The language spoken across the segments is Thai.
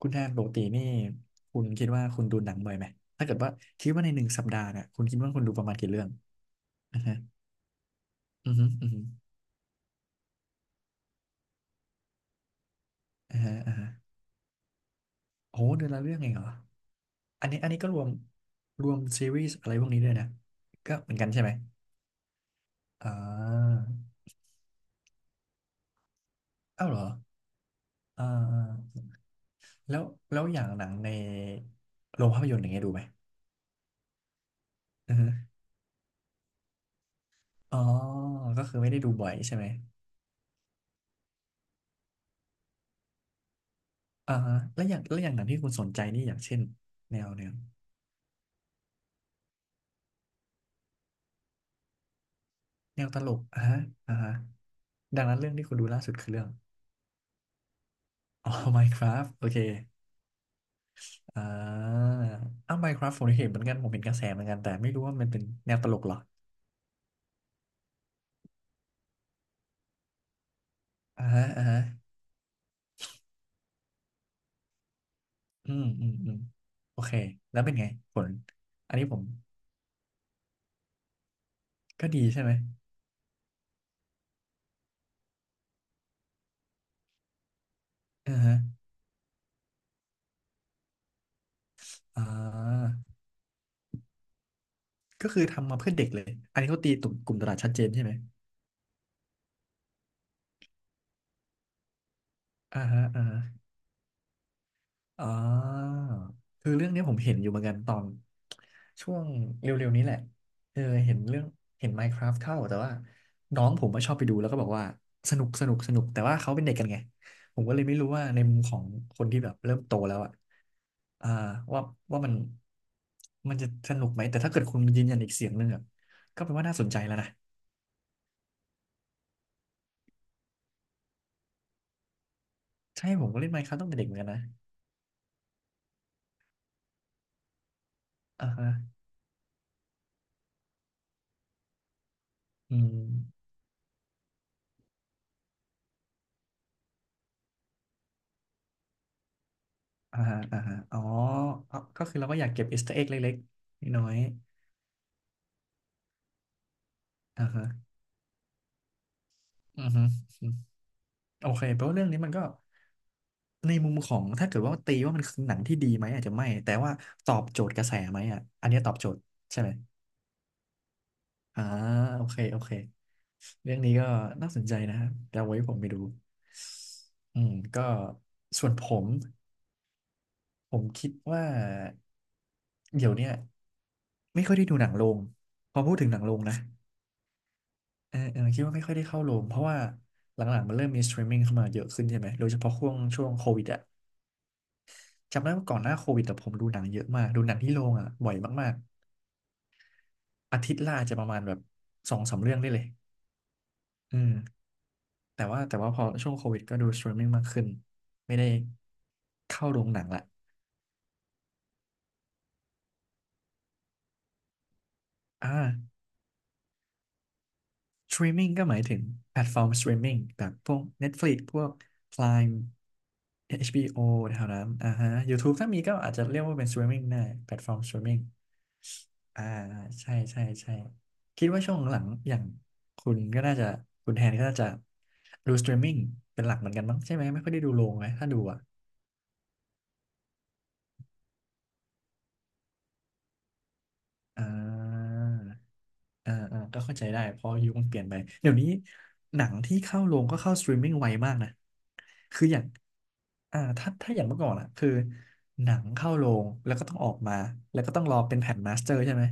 คุณแทนปกตินี่คุณคิดว่าคุณดูหนังบ่อยไหมถ้าเกิดว่าคิดว่าในหนึ่งสัปดาห์เนี่ยคุณคิดว่าคุณดูประมาณกี่เรื่องอ่าฮะอือฮึอือฮึอ่าฮะอ่าฮะโอ้เดือนละเรื่องเองเหรออันนี้อันนี้ก็รวมรวมซีรีส์อะไรพวกนี้ด้วยนะก็เหมือนกันใช่ไหมอ่าอ้าวเหรออ่าอ่าแล้วแล้วอย่างหนังในโรงภาพยนตร์อย่างเงี้ยดูไหมอือฮึอ๋อ ก็คือไม่ได้ดูบ่อยใช่ไหมอ่าฮะแล้วอย่างแล้วอย่างหนังที่คุณสนใจนี่อย่างเช่นแนวแนวแนวตลกอ่าฮะอ่าฮะ ดังนั้นเรื่องที่คุณดูล่าสุดคือเรื่อง อ๋อ Minecraft โอเคอ่าอ้าว Minecraft ผมเห็นเหมือนกันผมเห็นกระแสเหมือนกันแต่ไม่รู้ว่ามันเป็นแนวตลกเหรออ่าฮะอ่าฮะอืมอืมอืมโอเคแล้วเป็นไงผลอันนี้ผมก็ดีใช่ไหมอ่าฮะอ่าก็คือทำมาเพื่อเด็กเลยอันนี้เขาตีกลุ่มตลาดชัดเจนใช่ไหมอ่าฮะอ่าฮะ อ่าคือเรื่องเนี้ยผมเห็นอยู่เหมือนกันตอนช่วงเร็วๆนี้แหละเออเห็นเรื่องเห็น Minecraft เข้าแต่ว่าน้องผมก็ชอบไปดูแล้วก็บอกว่าสนุกสนุกสนุกแต่ว่าเขาเป็นเด็กกันไงผมก็เลยไม่รู้ว่าในมุมของคนที่แบบเริ่มโตแล้วอ่ะอ่าว่าว่ามันมันจะสนุกไหมแต่ถ้าเกิดคุณยืนยันอีกเสียงหนึ่งอ่ะก็แปลว่าน่าสนใจแล้วนะใช่ผมก็เล่น Minecraft ตั้งแต่เด็กเหมือนกันนะอ่าฮะอืม อ่าฮะอ่าฮะอ๋อเอาก็คือเราก็อยากเก็บอีเอสเตออาร์เอเล็กๆน้อยๆอ่าฮะอือฮึอืมโอเคแปลว่าเรื่องนี้มันก็ในมุมของถ้าเกิดว่าตีว่ามันคือหนังที่ดีไหมอาจจะไม่แต่ว่าตอบโจทย์กระแสไหมอ่ะอันเนี้ยตอบโจทย์ใช่ไหมอ่าโอเคโอเคเรื่องนี้ก็น่าสนใจนะเดี๋ยวไว้ผมไปดูอืมก็ส่วนผมผมคิดว่าเดี๋ยวเนี้ยไม่ค่อยได้ดูหนังโรงพอพูดถึงหนังโรงนะ เออเออคิดว่าไม่ค่อยได้เข้าโรงเพราะว่าหลังๆมันเริ่มมีสตรีมมิ่งเข้ามาเยอะขึ้นใช่ไหมโดยเฉพาะช่วงโควิดอะจำได้ว่าก่อนหน้าโควิดแต่ผมดูหนังเยอะมากดูหนังที่โรงอะบ่อยมากๆอาทิตย์ละอาจจะประมาณแบบสองสามเรื่องได้เลยอืมแต่ว่าแต่ว่าพอช่วงโควิดก็ดูสตรีมมิ่งมากขึ้นไม่ได้เข้าโรงหนังละอ่า Streaming ก็หมายถึงแพลตฟอร์มส t r e มมิ n g แบบพวก Netflix พวก Prime HBO แถวนั้นอ่าฮะ YouTube ถ้ามีก็อาจจะเรียกว่าเป็น s t r e a m i n g ได้แพลตฟอร์มส t r e มมิ n งอ่าใช่ใช่ใช่คิดว่าช่วงหลังอย่างคุณก็น่าจะคุณแทนก็น่าจะดูส t r e มมิ n งเป็นหลักเหมือนกันมั้งใช่ไหมไม่ค่อยได้ดูโรงไหมถ้าดูอ่ะอ่า อ่าอ่าก็เข้าใจได้เพราะยุคมันเปลี่ยนไปเดี๋ยวนี้หนังที่เข้าโรงก็เข้าสตรีมมิ่งไวมากนะคืออย่างอ่าถ้าอย่างเมื่อก่อนอะคือหนังเข้าโรงแล้วก็ต้องออกมาแล้วก็ต้องรอเป็นแผ่นมาสเตอร์ใช่ไหม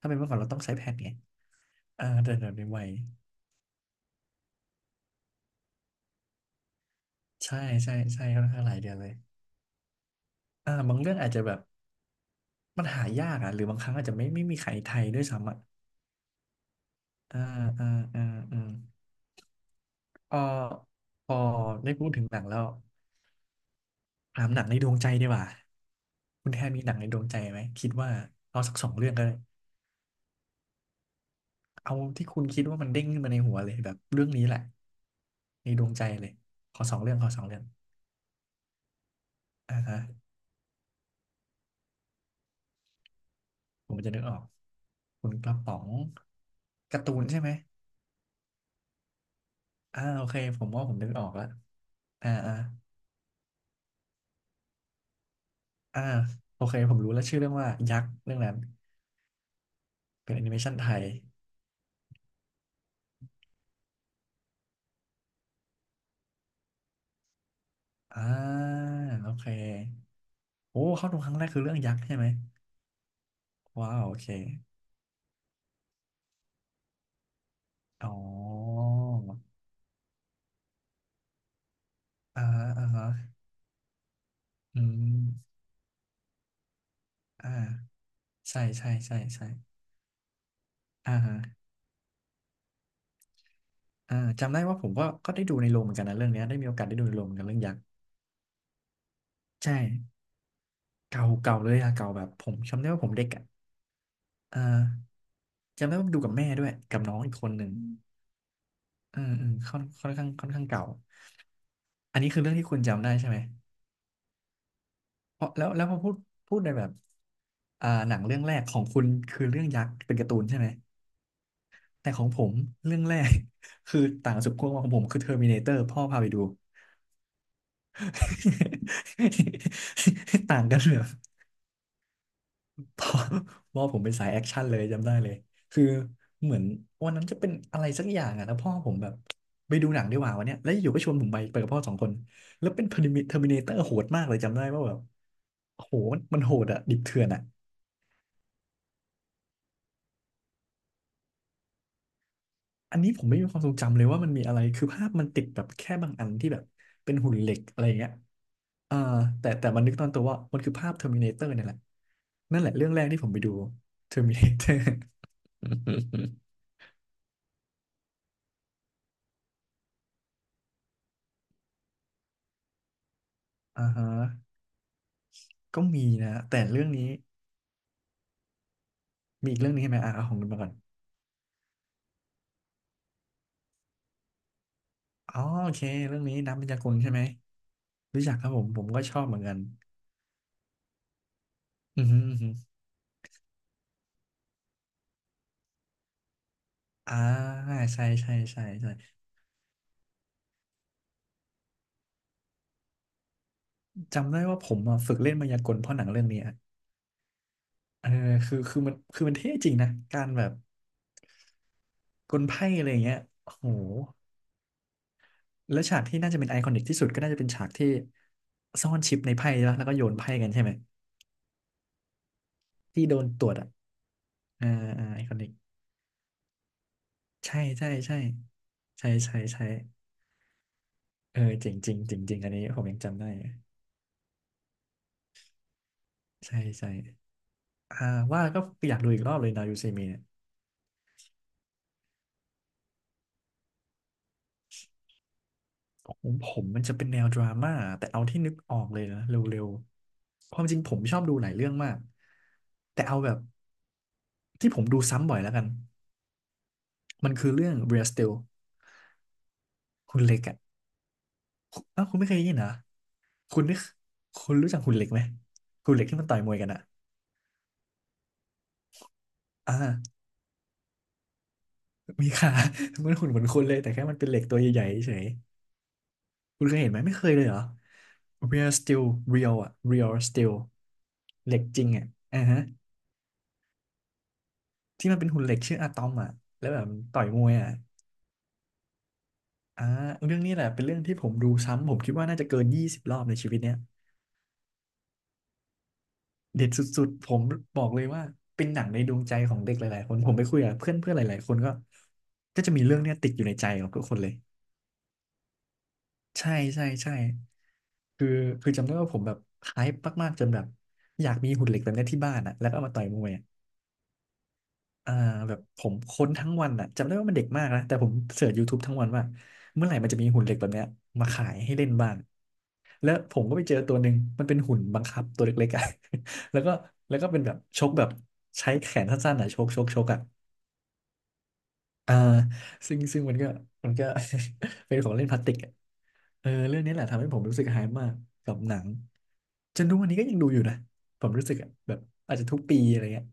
ถ้าเป็นเมื่อก่อนเราต้องใช้แผ่นไงอ่าเดี๋ยวเดี๋ยวนี้ไวใช่ใช่ใช่ค่อนข้างหลายเดือนเลยอ่าบางเรื่องอาจจะแบบมันหายากอ่ะหรือบางครั้งอาจจะไม่มีใครไทยด้วยซ้ำอ่ะอ่าอ่าอ่าอ่าเอ่อพอได้พูดถึงหนังแล้ว ถามหนังในดวงใจดีกว่าคุณแทนมีหนังในดวงใจไหมคิดว่าเอาสักสองเรื่องก็ได้เอาที่คุณคิดว่ามันเด้งขึ้นมาในหัวเลยแบบเรื่องนี้แหละในดวงใจเลยขอสองเรื่องขอสองเรื่องอ่าฮะผมจะนึกออกคุณกระป๋องการ์ตูนใช่ไหมอ่าโอเคผมว่าผมนึกออกแล้วอ่าอ่าอ่าโอเคผมรู้แล้วชื่อเรื่องว่ายักษ์เรื่องนั้นเป็นแอนิเมชันไทยอ่าโอเคโอ้เข้าดูครั้งแรกคือเรื่องยักษ์ใช่ไหมว้าวโอเคอ๋อ อ่าฮะอ่าฮะอืมอ่าใช่ใช่ใช่ใช่อ่าฮะอ่าจำได้ว่าผมก็ได้ดูในโรงเหมือนกันนะเรื่องเนี้ยได้มีโอกาสได้ดูในโรงเหมือนกันเรื่องยักษ์ใช่เก่าเก่าเลยอะเก่าแบบผมจำได้ว่าผมเด็กอะอ่าจำได้ว่าดูกับแม่ด้วยกับน้องอีกคนหนึ่งอืมอืมค่อนข้างเก่าอันนี้คือเรื่องที่คุณจำได้ใช่ไหมเพราะแล้วพอพูดในแบบหนังเรื่องแรกของคุณคือเรื่องยักษ์เป็นการ์ตูนใช่ไหมแต่ของผมเรื่องแรก คือต่างสุดขั้วของผมคือเทอร์มินาเตอร์พ่อพาไปดู ต่างกันแบบ พ่อพ่อผมเป็นสายแอคชั่นเลยจำได้เลยคือเหมือนวันนั้นจะเป็นอะไรสักอย่างอะแล้วพ่อผมแบบไปดูหนังดีกว่าวันเนี้ยแล้วอยู่ก็ชวนผมไปกับพ่อสองคนแล้วเป็นเทอร์มิเนเตอร์โหดมากเลยจำได้ว่าแบบโหมันโหดอะดิบเถื่อนอะ อันนี้ผมไม่มีความทรงจำเลยว่ามันมีอะไร คือภาพมันติดแบบแค่บางอันที่แบบเป็นหุ่นเหล็กอะไรอย่างเงี้ยอ่าแต่มันนึกตอนตัวว่ามันคือภาพ Terminator เนี่ยแหละนั่นแหละเรื่องแรกที่ผมไปดู Terminator อ่าฮะก็มีนะแต่เรื่องนี้มีอีกเรื่องนี้ใช่ไหมอ่ะเอาของคุณมาก่อนอ๋อโอเคเรื่องนี้นักพยากลใช่ไหมรู้จักครับผมก็ชอบเหมือนกันอือฮึอือฮึอ่าใช่ใช่ใช่ใช่จำได้ว่าผมอะฝึกเล่นมายากลเพราะหนังเรื่องนี้อะ เออคือมันเท่จริงนะการแบบกลไพ่อะไรอย่างเงี้ยโอ้โหแล้วฉากที่น่าจะเป็นไอคอนิกที่สุดก็น่าจะเป็นฉากที่ซ่อนชิปในไพ่แล้วก็โยนไพ่กันใช่ไหมที่โดนตรวจอ่ะอ่าไอคอนิกใช่ใช่ใช่ใช่ใช่ใช่เออเจ๋งจริงจริงจริงอันนี้ผมยังจำได้ใช่ใช่อ่าว่าแล้วก็อยากดูอีกรอบเลยนายูเซมิเนี่ย ของผมมันจะเป็นแนวดราม่าแต่เอาที่นึกออกเลยนะเร็วๆความจริงผมชอบดูหลายเรื่องมากแต่เอาแบบที่ผมดูซ้ำบ่อยแล้วกันมันคือเรื่อง Real Steel คุณเล็กอ่ะอ้าวคุณไม่เคยได้ยินนะคุณนึกคุณรู้จักคุณเล็กไหมคุณเล็กที่มันต่อยมวยกันอ่ะอ่ามีค่ะ มันหุ่นเหมือนคนเลยแต่แค่มันเป็นเหล็กตัวใหญ่ๆเฉยคุณเคยเห็นไหมไม่เคยเลยเหรอ Real Steel Real อ่ะ Real Steel เหล็กจริงอ่ะอ่าฮะ ที่มันเป็นหุ่นเหล็กชื่ออะตอมอ่ะแล้วแบบมันต่อยมวยอ่ะอ่าเรื่องนี้แหละเป็นเรื่องที่ผมดูซ้ำผมคิดว่าน่าจะเกิน20รอบในชีวิตเนี้ยเด็ดสุดๆผมบอกเลยว่าเป็นหนังในดวงใจของเด็กหลายๆคนผมไปคุยกับเพื่อนเพื่อนหลายๆคนก็จะมีเรื่องเนี้ยติดอยู่ในใจของทุกคนเลยใช่ใช่ใช่คือคือจำได้ว่าผมแบบไฮป์มากๆจนแบบอยากมีหุ่นเหล็กแบบเนี้ยที่บ้านอ่ะแล้วก็เอามาต่อยมวย อ่าแบบผมค้นทั้งวันอ่ะจำได้ว่ามันเด็กมากนะแต่ผมเสิร์ช YouTube ทบทั้งวันว่าเมื่อไหร่มันจะมีหุ่นเหล็กแบบเนี้ยมาขายให้เล่นบ้างแล้วผมก็ไปเจอตัวหนึ่งมันเป็นหุ่นบังคับตัวเล็กๆอ่ะ แล้วก็แล้วก็เป็นแบบชกแบบใช้แขนสั้นๆอ่ะชกชกชกอ่ะอ่าซึ่งมันก็ เป็นของเล่นพลาสติกอะเออเรื่องนี้แหละทำให้ผมรู้สึกหายมากกับหนังจนทุกวันนี้ก็ยังดูอยู่นะผมรู้สึกอะแบบอาจจะทุกปีอะไรเงี้ย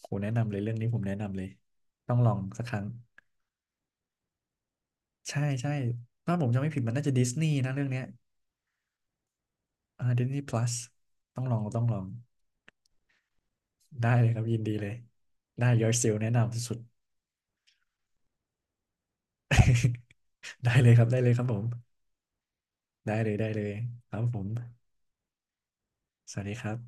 โหแนะนำเลยเรื่องนี้ผมแนะนำเลยต้องลองสักครั้ง ใช่ใช่ถ้าผมจำไม่ผิดมันน่าจะดิสนีย์นะเรื่องเนี้ยดิสนีย์ plus ต้องลองต้องลอง ได้เลยครับยินดีเลย ได้ Your Seal แนะนำสุดๆ ได้เลยครับได้เลยครับผม ได้เลยได้เลยครับผม สวัสดีครับ